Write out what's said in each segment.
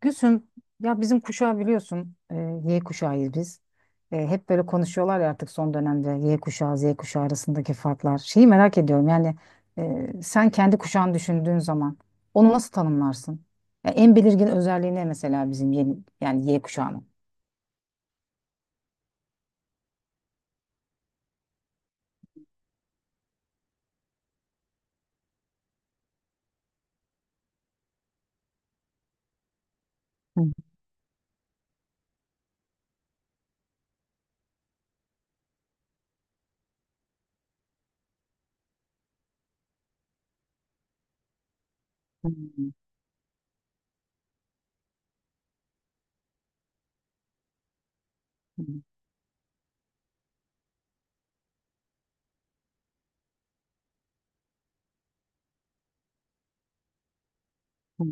Gülsüm, ya bizim kuşağı biliyorsun, Y kuşağıyız biz. Hep böyle konuşuyorlar ya artık son dönemde Y kuşağı, Z kuşağı arasındaki farklar. Şeyi merak ediyorum yani sen kendi kuşağını düşündüğün zaman onu nasıl tanımlarsın? Ya en belirgin özelliği ne mesela bizim yeni, yani Y kuşağının? Hı, hı, hı, hı.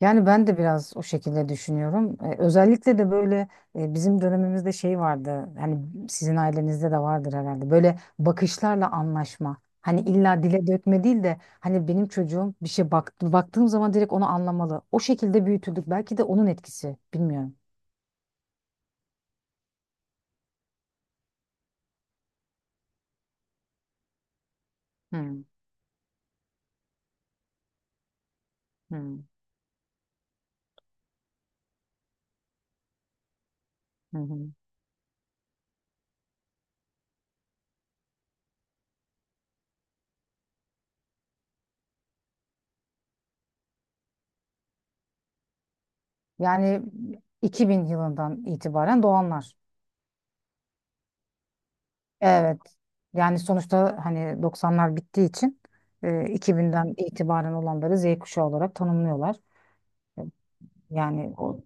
Yani ben de biraz o şekilde düşünüyorum. Özellikle de böyle bizim dönemimizde şey vardı. Hani sizin ailenizde de vardır herhalde. Böyle bakışlarla anlaşma. Hani illa dile dökme değil de hani benim çocuğum bir şey baktı, baktığım zaman direkt onu anlamalı. O şekilde büyütüldük. Belki de onun etkisi. Bilmiyorum. Hmm, hmm, hı hı. Yani 2000 yılından itibaren doğanlar. Evet, yani sonuçta hani 90'lar bittiği için e, 2000'den itibaren olanları Z kuşağı olarak tanımlıyorlar. Yani O-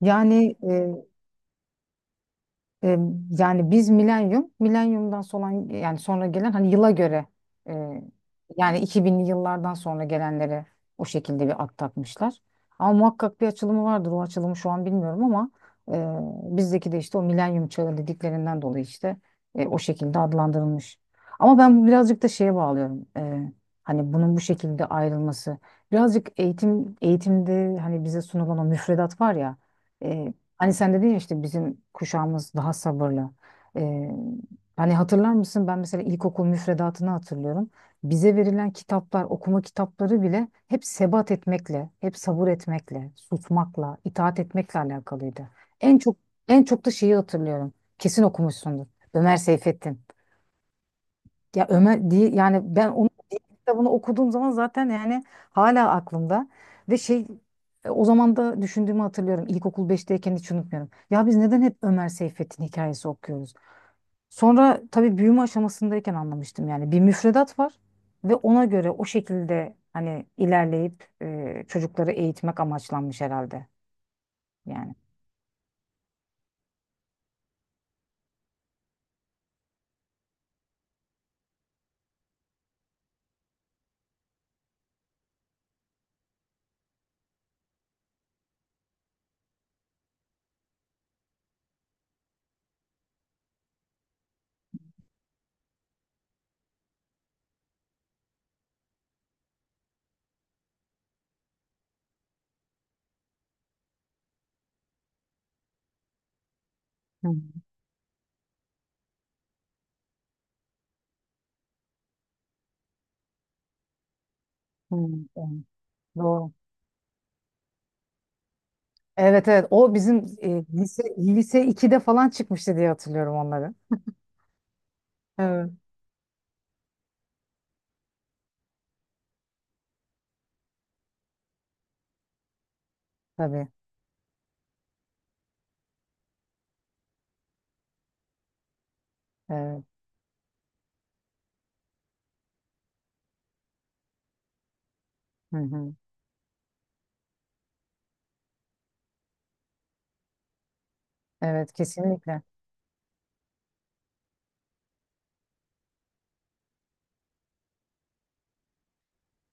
yani e, E, Yani biz milenyum, milenyumdan sonra yani sonra gelen hani yıla göre e, yani 2000'li yıllardan sonra gelenlere o şekilde bir ad takmışlar. Ama muhakkak bir açılımı vardır. O açılımı şu an bilmiyorum ama bizdeki de işte o milenyum çağı dediklerinden dolayı işte o şekilde adlandırılmış. Ama ben birazcık da şeye bağlıyorum. Hani bunun bu şekilde ayrılması. Birazcık eğitimde hani bize sunulan o müfredat var ya. Hani sen dedin ya işte bizim kuşağımız daha sabırlı. Ee, Hani hatırlar mısın? Ben mesela ilkokul müfredatını hatırlıyorum. Bize verilen kitaplar, okuma kitapları bile hep sebat etmekle, hep sabır etmekle, susmakla, itaat etmekle alakalıydı. En çok en çok da şeyi hatırlıyorum. Kesin okumuşsundur. Ömer Seyfettin. Ya Ömer değil, yani ben onun kitabını okuduğum zaman zaten yani hala aklımda ve o zaman da düşündüğümü hatırlıyorum. İlkokul beşteyken hiç unutmuyorum. Ya biz neden hep Ömer Seyfettin hikayesi okuyoruz? Sonra tabii büyüme aşamasındayken anlamıştım yani bir müfredat var ve ona göre o şekilde hani ilerleyip çocukları eğitmek amaçlanmış herhalde yani. Hı, hı, hı. Doğru. Evet, evet, o bizim lise 2'de falan çıkmıştı diye hatırlıyorum onları. Evet. Tabii. Evet. Hı hı. Evet, kesinlikle.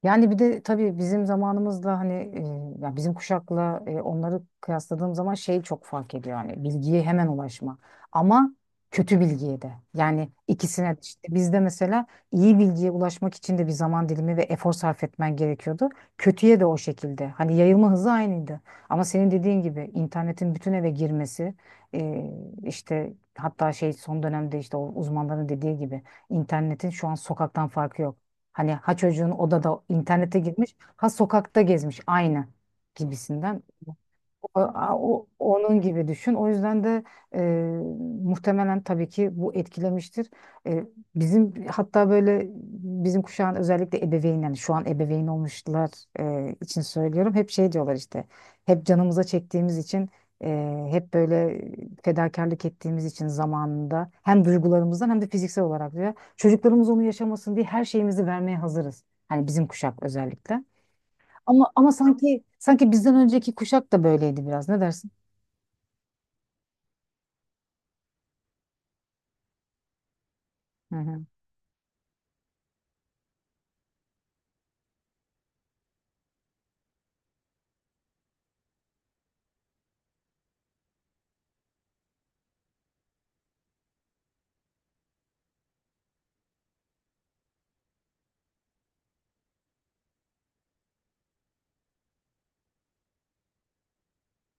Yani bir de tabii bizim zamanımızla hani ya bizim kuşakla onları kıyasladığım zaman şey çok fark ediyor yani bilgiye hemen ulaşma, ama kötü bilgiye de, yani ikisine de, işte bizde mesela iyi bilgiye ulaşmak için de bir zaman dilimi ve efor sarf etmen gerekiyordu. Kötüye de o şekilde hani yayılma hızı aynıydı, ama senin dediğin gibi internetin bütün eve girmesi, e, işte hatta şey son dönemde işte o uzmanların dediği gibi internetin şu an sokaktan farkı yok. Hani ha çocuğun odada internete girmiş ha sokakta gezmiş aynı gibisinden. Onun gibi düşün. O yüzden de e, muhtemelen tabii ki bu etkilemiştir. E, Bizim hatta böyle bizim kuşağın özellikle ebeveyn, yani şu an ebeveyn olmuşlar için söylüyorum. Hep şey diyorlar işte, hep canımıza çektiğimiz için, hep böyle fedakarlık ettiğimiz için zamanında hem duygularımızdan hem de fiziksel olarak diyor. Çocuklarımız onu yaşamasın diye her şeyimizi vermeye hazırız. Hani bizim kuşak özellikle. Ama, ama sanki bizden önceki kuşak da böyleydi biraz. Ne dersin? Hı hı.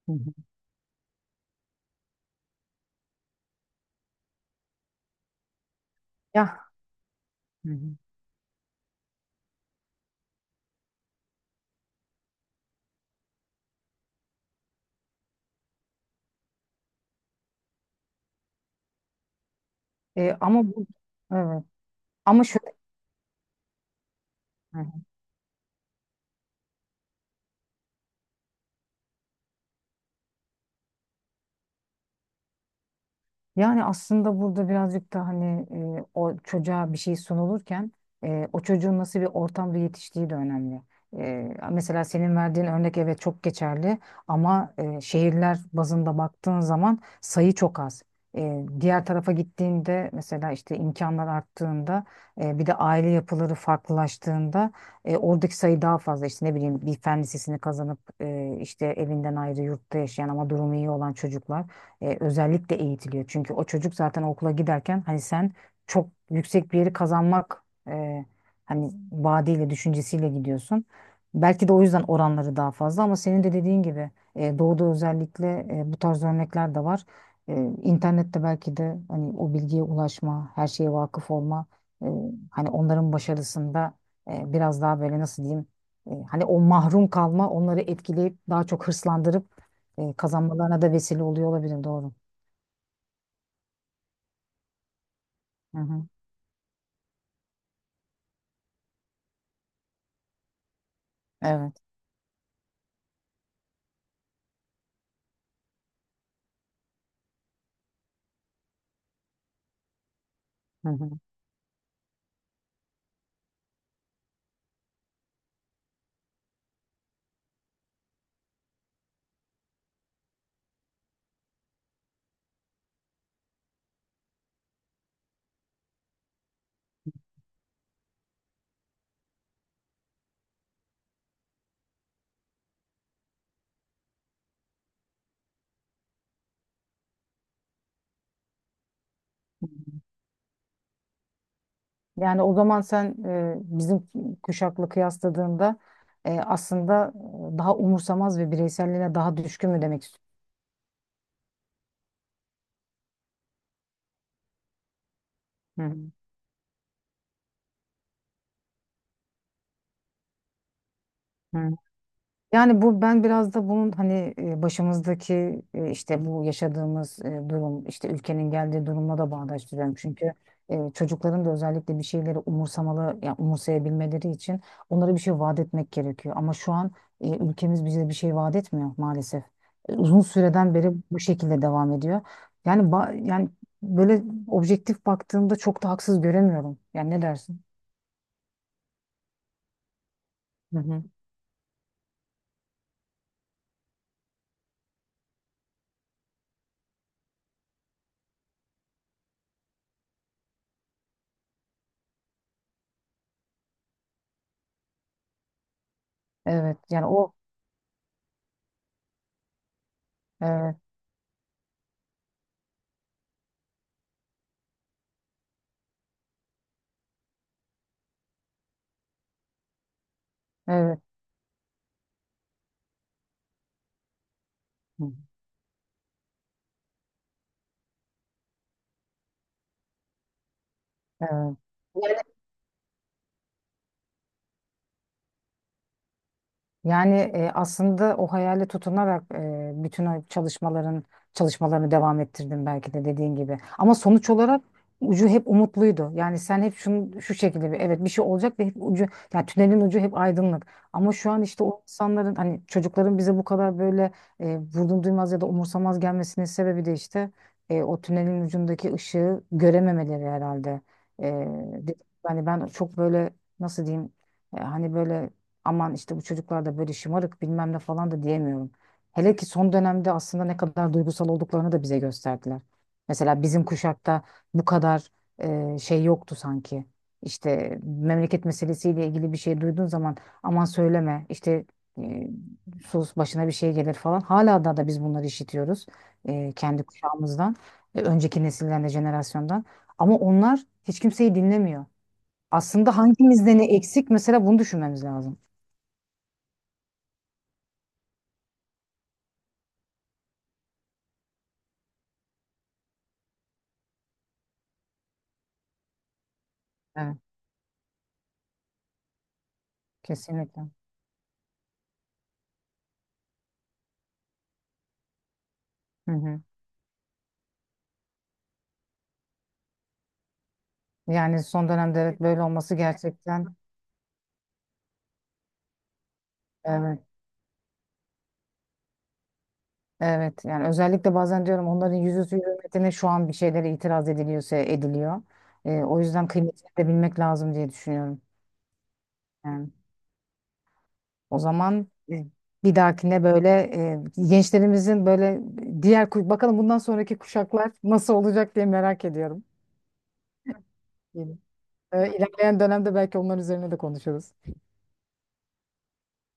Hı hı. Ya. Hı hı. E, ama bu evet. Ama şöyle. Yani aslında burada birazcık da hani o çocuğa bir şey sunulurken o çocuğun nasıl bir ortamda yetiştiği de önemli. Mesela senin verdiğin örnek evet çok geçerli, ama şehirler bazında baktığın zaman sayı çok az. Diğer tarafa gittiğinde mesela işte imkanlar arttığında, bir de aile yapıları farklılaştığında, oradaki sayı daha fazla. İşte ne bileyim, bir fen lisesini kazanıp işte evinden ayrı yurtta yaşayan ama durumu iyi olan çocuklar özellikle eğitiliyor. Çünkü o çocuk zaten okula giderken hani sen çok yüksek bir yeri kazanmak e, hani vaadiyle, düşüncesiyle gidiyorsun. Belki de o yüzden oranları daha fazla, ama senin de dediğin gibi doğuda özellikle bu tarz örnekler de var. İnternette belki de hani o bilgiye ulaşma, her şeye vakıf olma, e, hani onların başarısında biraz daha böyle nasıl diyeyim, hani o mahrum kalma onları etkileyip daha çok hırslandırıp kazanmalarına da vesile oluyor olabilir, doğru. Hı hı. Evet. Hı hı. Hı hı. Yani o zaman sen bizim kuşakla kıyasladığında e, aslında daha umursamaz ve bireyselliğine daha düşkün mü demek istiyorsun? Hı hı. Yani bu, ben biraz da bunun hani işte bu yaşadığımız durum, işte ülkenin geldiği durumla da bağdaştırıyorum. Çünkü çocukların da özellikle bir şeyleri umursamalı ya umursayabilmeleri için onlara bir şey vaat etmek gerekiyor. Ama şu an ülkemiz bize bir şey vaat etmiyor maalesef. Uzun süreden beri bu şekilde devam ediyor. Yani böyle objektif baktığımda çok da haksız göremiyorum. Yani ne dersin? Hı hı. Evet yani o evet, evet. Hı. Evet. Yani aslında o hayale tutunarak e, bütün o çalışmaların çalışmalarını devam ettirdim belki de, dediğin gibi. Ama sonuç olarak ucu hep umutluydu. Yani sen hep şunu şu şekilde bir, evet bir şey olacak ve hep ucu, yani tünelin ucu hep aydınlık. Ama şu an işte o insanların, hani çocukların bize bu kadar böyle vurdum duymaz ya da umursamaz gelmesinin sebebi de işte o tünelin ucundaki ışığı görememeleri herhalde. E, Dedim, yani ben çok böyle nasıl diyeyim, hani böyle aman işte bu çocuklar da böyle şımarık bilmem ne falan da diyemiyorum. Hele ki son dönemde aslında ne kadar duygusal olduklarını da bize gösterdiler. Mesela bizim kuşakta bu kadar şey yoktu sanki. İşte memleket meselesiyle ilgili bir şey duyduğun zaman aman söyleme işte e, sus başına bir şey gelir falan. Hala da biz bunları işitiyoruz kendi kuşağımızdan, önceki nesilden de, jenerasyondan. Ama onlar hiç kimseyi dinlemiyor. Aslında hangimizde ne eksik mesela, bunu düşünmemiz lazım. Evet. Kesinlikle. Hı hı. Yani son dönemde evet böyle olması gerçekten evet. Evet yani özellikle bazen diyorum onların yüzüstü hürmetine şu an bir şeylere itiraz ediliyorsa ediliyor. O yüzden kıymetini de bilmek lazım diye düşünüyorum. Yani o zaman bir dahakine böyle gençlerimizin böyle bakalım bundan sonraki kuşaklar nasıl olacak diye merak ediyorum. İlerleyen dönemde belki onların üzerine de konuşuruz.